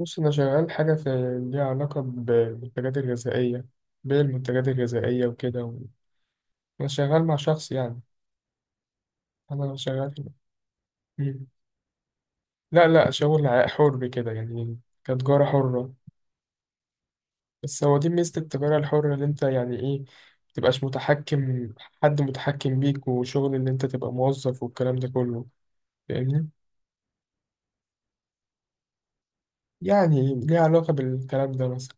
بص، أنا شغال حاجة في ليها علاقة بالمنتجات الغذائية. بيع المنتجات الغذائية وكده أنا شغال مع شخص يعني. أنا شغال مم. لا شغل حر كده، يعني كتجارة حرة. بس هو دي ميزة التجارة الحرة اللي أنت يعني إيه، متبقاش متحكم، حد متحكم بيك وشغل اللي أنت تبقى موظف والكلام ده كله، فاهمني؟ يعني ليها علاقة بالكلام ده مثلا.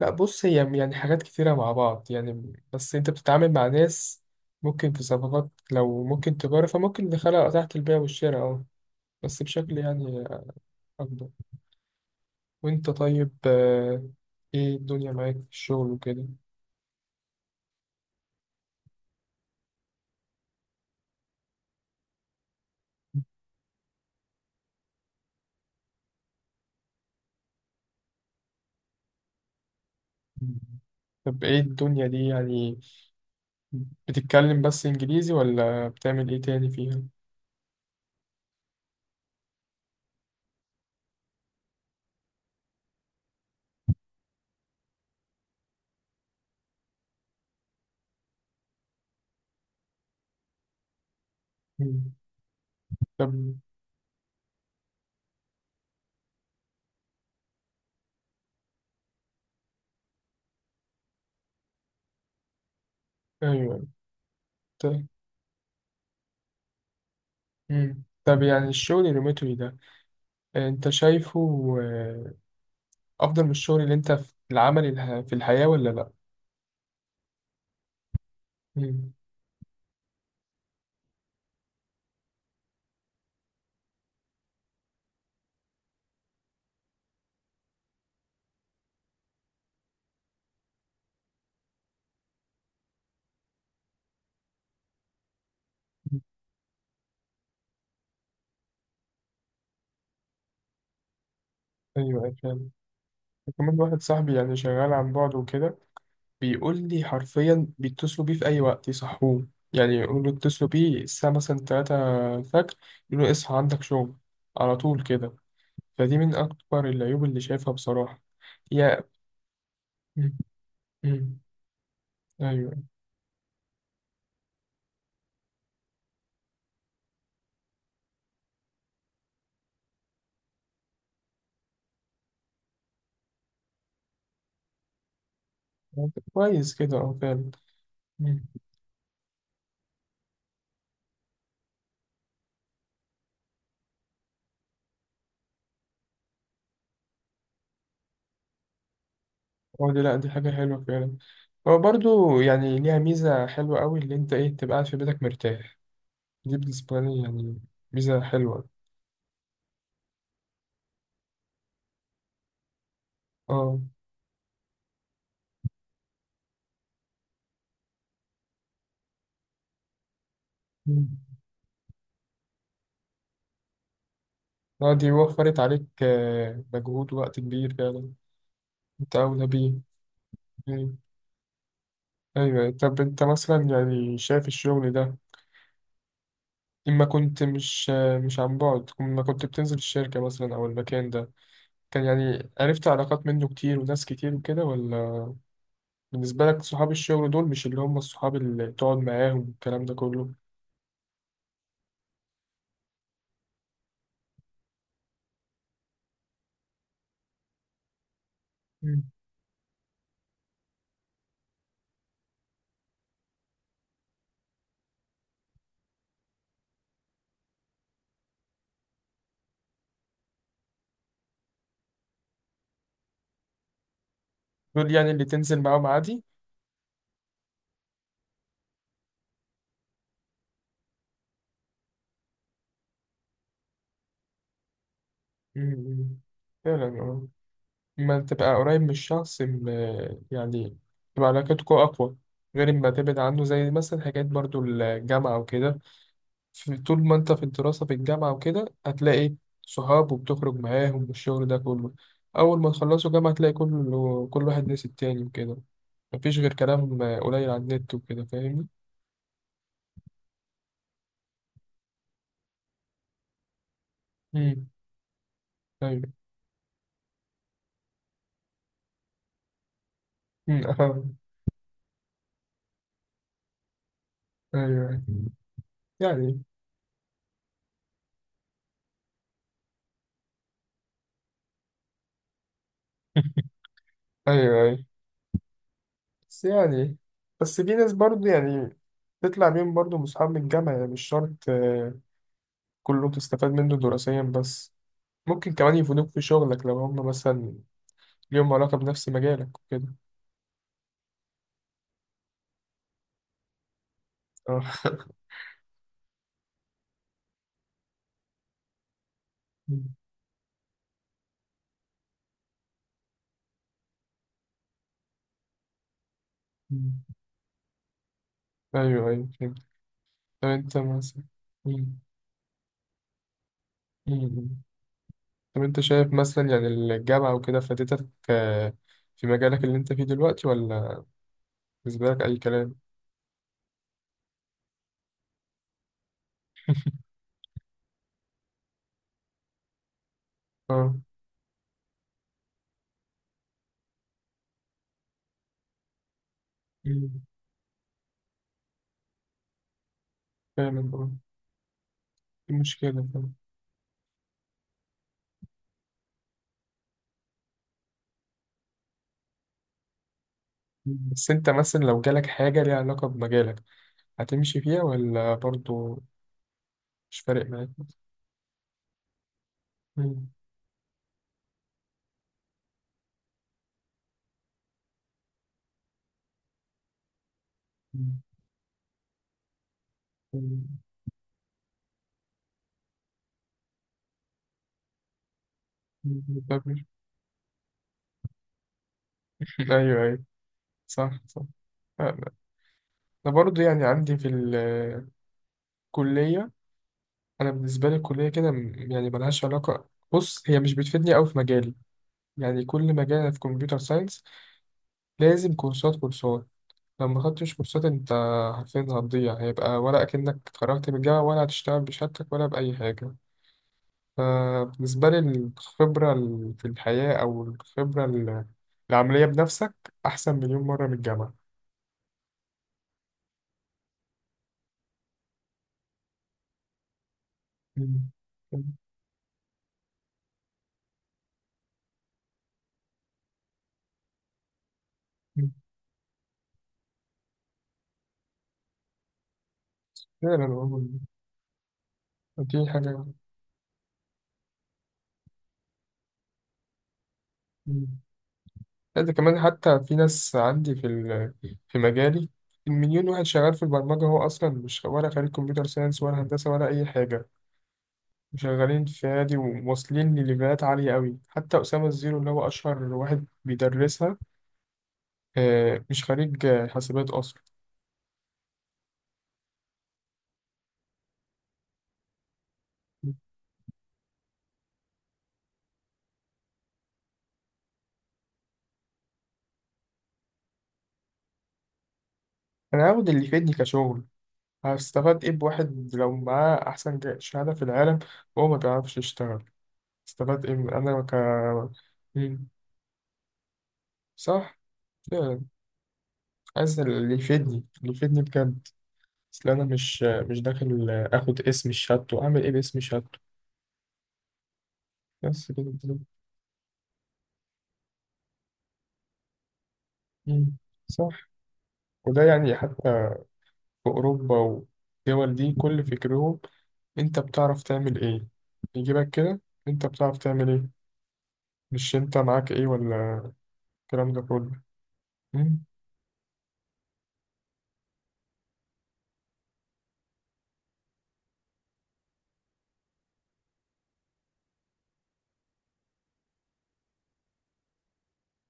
لا بص، هي يعني حاجات كتيرة مع بعض يعني، بس انت بتتعامل مع ناس. ممكن في صفقات، لو ممكن تجارة، فممكن دخلها تحت البيع والشراء، اه، بس بشكل يعني أكبر. وانت طيب؟ ايه الدنيا معاك في الشغل وكده؟ طب ايه الدنيا دي يعني، بتتكلم بس انجليزي ولا بتعمل ايه تاني فيها؟ مم. طب، ايوه. ط- مم. طب يعني الشغل الريموتلي ده، انت شايفه آه، افضل من الشغل اللي انت في العمل في الحياة ولا لا؟ مم. ايوه، أيوة فعلا. كمان واحد صاحبي يعني شغال عن بعد وكده، بيقول لي حرفيا بيتصلوا بيه في اي وقت يصحوه، يعني يقولوا له اتصلوا بيه الساعه مثلا 3 الفجر، يقولوا له اصحى عندك شغل، على طول كده. فدي من اكبر العيوب اللي شايفها بصراحه، يا. مم. مم. ايوه، كويس كده، اه فعلا. اه، دي لا، دي حاجة حلوة فعلا. هو برضو يعني ليها ميزة حلوة أوي، اللي أنت إيه، تبقى قاعد في بيتك مرتاح. دي بالنسبة لي يعني ميزة حلوة. اه. مم. اه، دي وفرت عليك مجهود ووقت كبير فعلا. أنت أولى بيه. مم. أيوة، طب أنت مثلا يعني شايف الشغل ده، إما كنت مش مش عن بعد، إما كنت بتنزل الشركة مثلا أو المكان ده، كان يعني عرفت علاقات منه كتير وناس كتير وكده، ولا بالنسبة لك صحاب الشغل دول مش اللي هم الصحاب اللي تقعد معاهم والكلام ده كله؟ مم. دول يعني اللي تنزل معاهم عادي. مم. فعلا اه. لما تبقى قريب من الشخص يعني تبقى علاقتكم أقوى، غير ما تبعد عنه، زي مثلا حاجات برضو الجامعة وكده. طول ما انت في الدراسة في الجامعة وكده، هتلاقي صحاب وبتخرج معاهم والشغل ده كله. أول ما تخلصوا جامعة هتلاقي كله، كل واحد نسي التاني وكده، مفيش غير كلام قليل على النت وكده، فاهمني؟ ايوه. آه. ايوه يعني. ايوه ايوه. بس يعني، بس في ناس برضه يعني، تطلع بيهم برضه من اصحاب من الجامعه يعني. مش شرط كله تستفاد منه دراسيا بس، ممكن كمان يفيدوك في شغلك لو هم مثلا ليهم علاقه بنفس مجالك وكده. اه. أمم، أمم. ايوه ايوه فهمت. طب انت مثلا. أمم، أمم. طب انت شايف مثلا يعني الجامعه وكده فادتك في مجالك اللي انت فيه دلوقتي، ولا بالنسبه لك اي كلام؟ اه فعلا اه، دي مشكلة فعلا. بس انت مثلا لو جالك حاجة ليها علاقة بمجالك، هتمشي فيها ولا برضو مش فارق معاك؟ مم. مم. مم. طب ايوه ايوه، صح صح. انا، أنا برضو يعني عندي في الكلية. انا بالنسبة لي الكلية كده يعني ملهاش علاقة. بص هي مش بتفيدني أوي في مجالي. يعني كل مجال، أنا في كمبيوتر ساينس، لازم كورسات كورسات. لو ما خدتش كورسات انت، حرفيا هتضيع، هيبقى ولا اكنك اتخرجت من الجامعة، ولا هتشتغل بشهادتك ولا بأي حاجة. فبالنسبة لي الخبرة في الحياة، أو الخبرة العملية بنفسك، أحسن مليون مرة من الجامعة. مم. مم. فعلا والله، دي حاجة. مم. لا، ده كمان حتى في ناس عندي في في مجالي، المليون واحد شغال في البرمجة هو أصلا مش ولا خريج كمبيوتر ساينس ولا هندسة ولا أي حاجة. شغالين في نادي وواصلين لليفلات عالية قوي، حتى أسامة الزيرو اللي هو أشهر واحد بيدرسها، مش خريج حاسبات أصلا. أنا هاخد اللي يفيدني كشغل. هستفاد إيه بواحد لو معاه أحسن شهادة في العالم وهو ما بيعرفش يشتغل؟ استفاد إيه أنا ك. مم. صح. آه، عايز اللي يفيدني، اللي يفيدني بجد. أصل أنا مش مش داخل آخد اسم الشهادته. أعمل إيه باسم شهادته؟ بس كده. مم. صح. وده يعني حتى في أوروبا والدول دي كل فكرهم أنت بتعرف تعمل إيه، يجيبك كده أنت بتعرف تعمل إيه، مش أنت معاك إيه ولا الكلام ده كله. مم.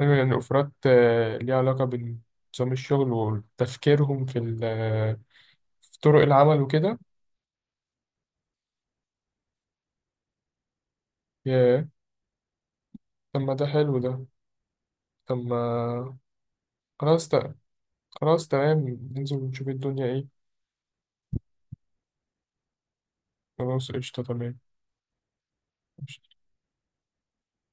أيوة يعني أوفرات ليها علاقة بنظام الشغل وتفكيرهم في في طرق العمل وكده. ياه، طب ما ده حلو ده. طب ما خلاص ده، خلاص تمام. ننزل ونشوف الدنيا إيه. خلاص قشطة تمام.